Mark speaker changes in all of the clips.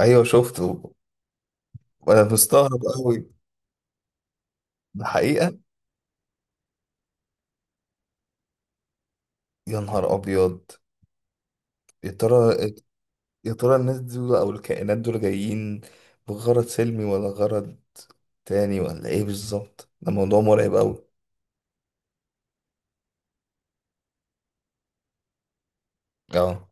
Speaker 1: ايوه، شفته. وانا مستغرب قوي. الحقيقه، يا نهار ابيض. يا ترى. يا ترى الناس دول او الكائنات دول جايين بغرض سلمي ولا غرض تاني ولا ايه بالظبط؟ ده موضوع مرعب قوي. اه.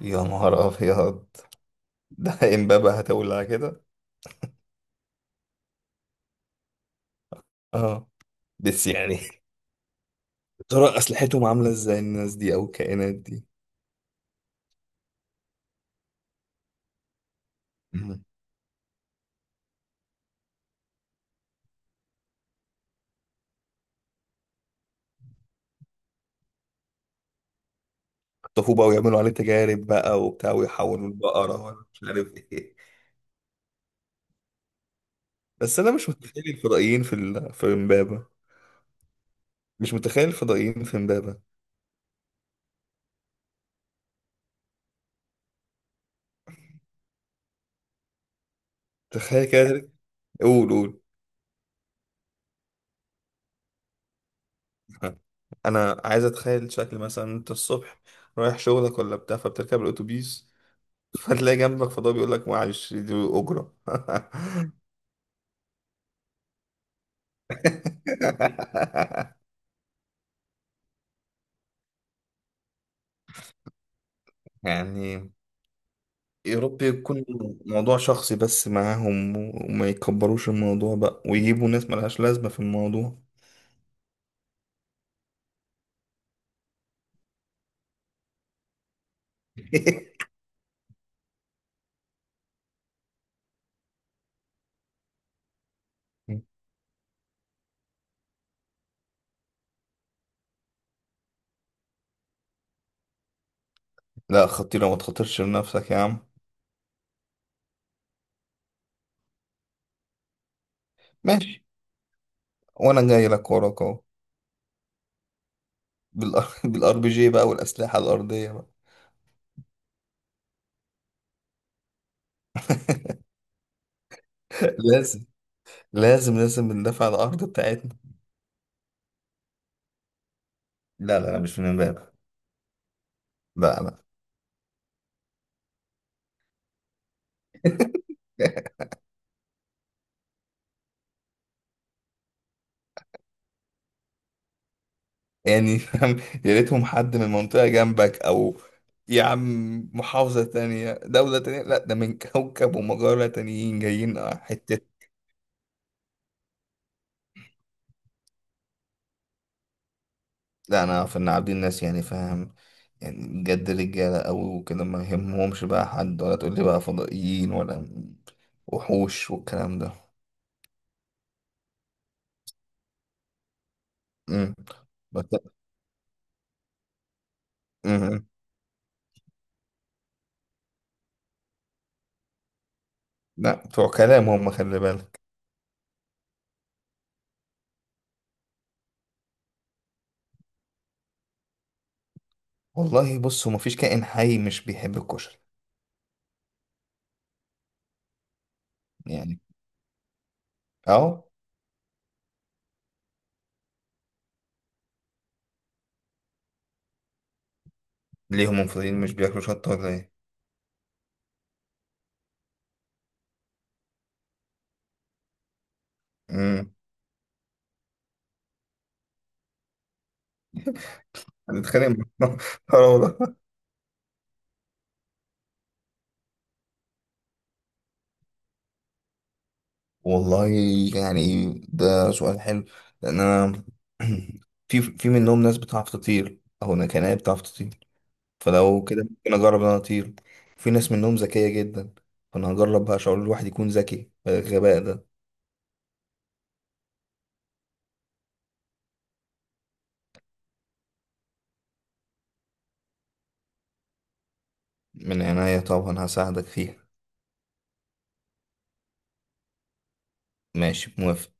Speaker 1: يا نهار ابيض. ده امبابة هتولع كده. اه، بس يعني. يا ترى اسلحتهم عامله ازاي الناس دي او الكائنات دي؟ مم. يخطفوه بقى ويعملوا عليه تجارب بقى وبتاع ويحولوا البقرة ولا مش عارف ايه. بس انا مش متخيل الفضائيين في امبابة. مش متخيل الفضائيين في امبابة. تخيل كده. قول قول. انا عايز اتخيل شكل، مثلا انت الصبح رايح شغلك ولا بتاع فبتركب الاتوبيس. فتلاقي جنبك فضاء بيقول لك: معلش دي اجرة. يعني، يا رب يكون موضوع شخصي بس معاهم وما يكبروش الموضوع بقى ويجيبوا ناس ملهاش لازمة في الموضوع. لا خطيرة، ما تخاطرش بنفسك يا عم. ماشي، وانا جاي لك وراك اهو. بالار بي جي بقى، والاسلحه الارضيه بقى. لازم لازم لازم ندافع عن الارض بتاعتنا. لا لا لا، مش من امبارح. لا لا. يعني فاهم. يا ريتهم حد من منطقه جنبك، او يا عم محافظه تانية دوله تانية. لا، ده من كوكب ومجره تانيين جايين حته. لا، انا في إن عابدين الناس، يعني فاهم، يعني بجد رجاله قوي وكده، ما يهمهمش بقى حد، ولا تقول لي بقى فضائيين ولا وحوش والكلام ده. مم. بس. مم. لا، بتوع كلام هم، خلي بالك. والله بص، هو مفيش كائن حي مش بيحب الكشري. يعني اهو. ليهم منفردين مش بياكلوا شطه ولا ايه؟ امم هنتخانق مع بعض. آه والله. والله، يعني ده سؤال حلو. لان انا في منهم ناس بتعرف تطير، او انا كان أنا بتعرف تطير. فلو كده ممكن اجرب ان انا اطير. في ناس منهم ذكيه جدا. فانا هجرب بقى شعور الواحد يكون ذكي، الغباء ده. من عناية طبعا، هساعدك فيها. ماشي موافق.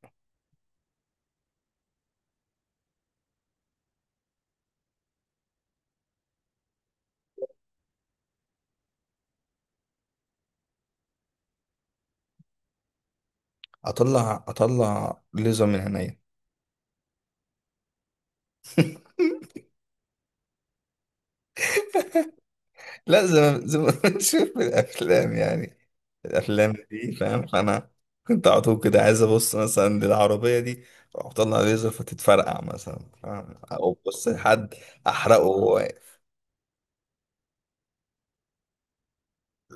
Speaker 1: اطلع ليزر من عينيا. لا، زي ما بنشوف في الافلام يعني. الافلام دي فاهم، فانا كنت على طول كده عايز ابص مثلا للعربيه دي، اروح اطلع ليزر فتتفرقع مثلا، فاهم؟ او بص لحد احرقه هو.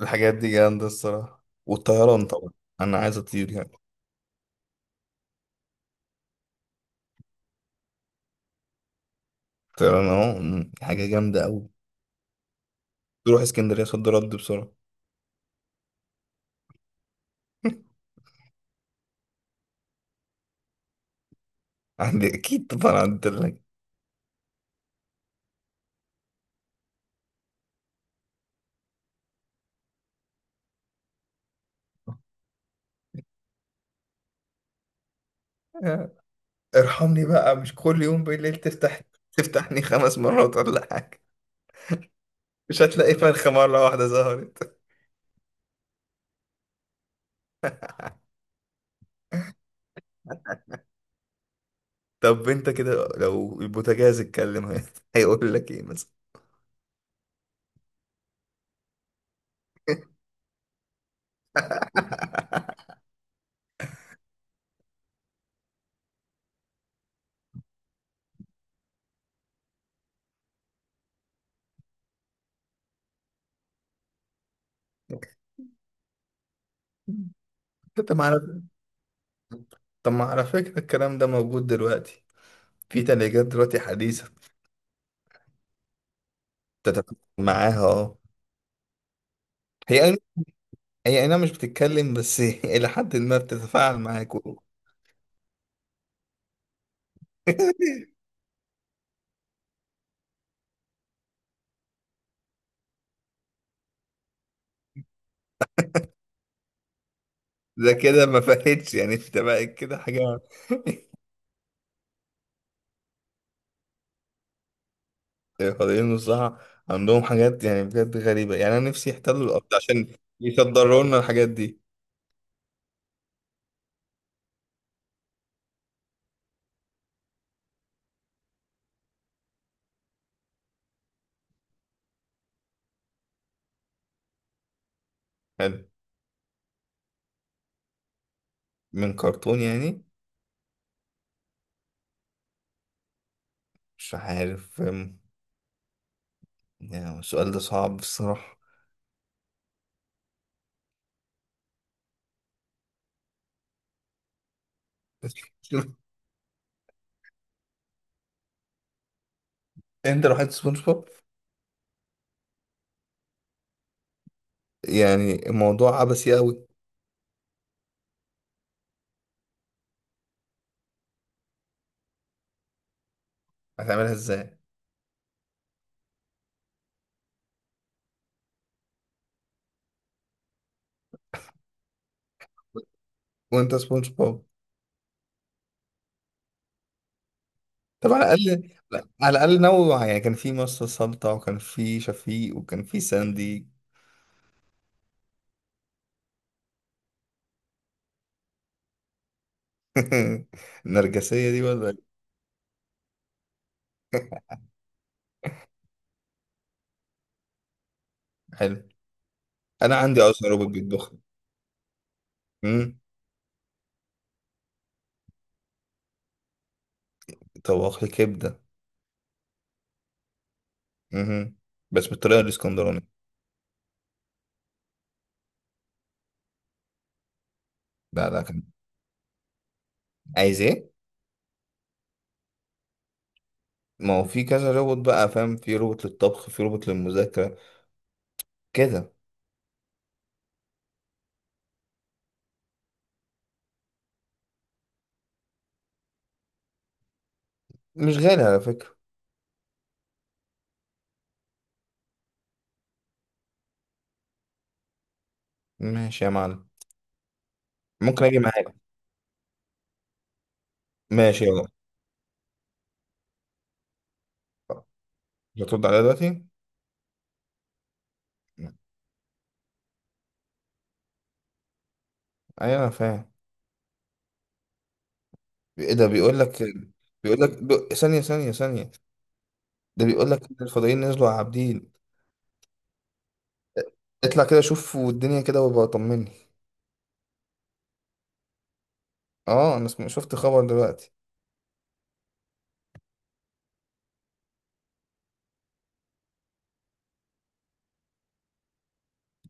Speaker 1: الحاجات دي جامده الصراحه، والطيران طبعا. انا عايز اطير يعني. الطيران اهو حاجه جامده قوي. تروح اسكندريه صد رد بسرعه. عندي اكيد طبعا، عندي تلاجة. ارحمني بقى، مش كل يوم بالليل تفتحني 5 مرات ولا حاجة. مش هتلاقي فرخة مرة واحدة ظهرت. طب انت كده لو البوتاجاز اتكلم، هيقول لك ايه مثلا؟ طب ما على طب ما على فكرة الكلام ده موجود دلوقتي. في تلاجات دلوقتي حديثة تتفاعل معاها. اه، هي أي- هي انا مش بتتكلم، بس إلى حد ما بتتفاعل معاك. ده كده ما فاتش يعني، انت بقى كده حاجة. الفضائيين الصراحة عندهم حاجات، يعني بجد غريبة، يعني أنا نفسي يحتلوا الأرض عشان يصدروا لنا الحاجات دي. حلو. من كرتون يعني؟ مش عارف. يعني السؤال ده صعب الصراحة. شوف، أنت لو حد سبونج بوب. يعني الموضوع عبثي أوي. هتعملها إزاي وأنت سبونج بوب؟ طب على الأقل، لا، على الأقل نوع، يعني كان في مصر سلطة، وكان في شفيق، وكان في ساندي. النرجسية دي ولا إيه؟ حلو. أنا عندي أصلا روبوت بيطبخ. طباخ كبدة. مهم. بس بالطريقة الاسكندراني. لا لا، كان عايز ايه؟ ما هو في كذا روبوت بقى، فاهم، في روبوت للطبخ، في روبوت للمذاكرة كده. مش غالي على فكرة. ماشي يا معلم. ممكن اجي معاك. ماشي يلا. هترد عليا دلوقتي؟ ايوه انا فاهم. ايه ده؟ بيقول لك ثانية ثانية ثانية. ده بيقول لك إن الفضائيين نزلوا على عابدين. اطلع كده شوف والدنيا كده، وابقى طمني. اه، انا شفت خبر دلوقتي.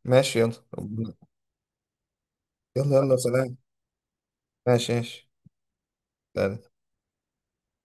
Speaker 1: ماشي يلا. يلا يلا سلام. ماشي ماشي. سلام.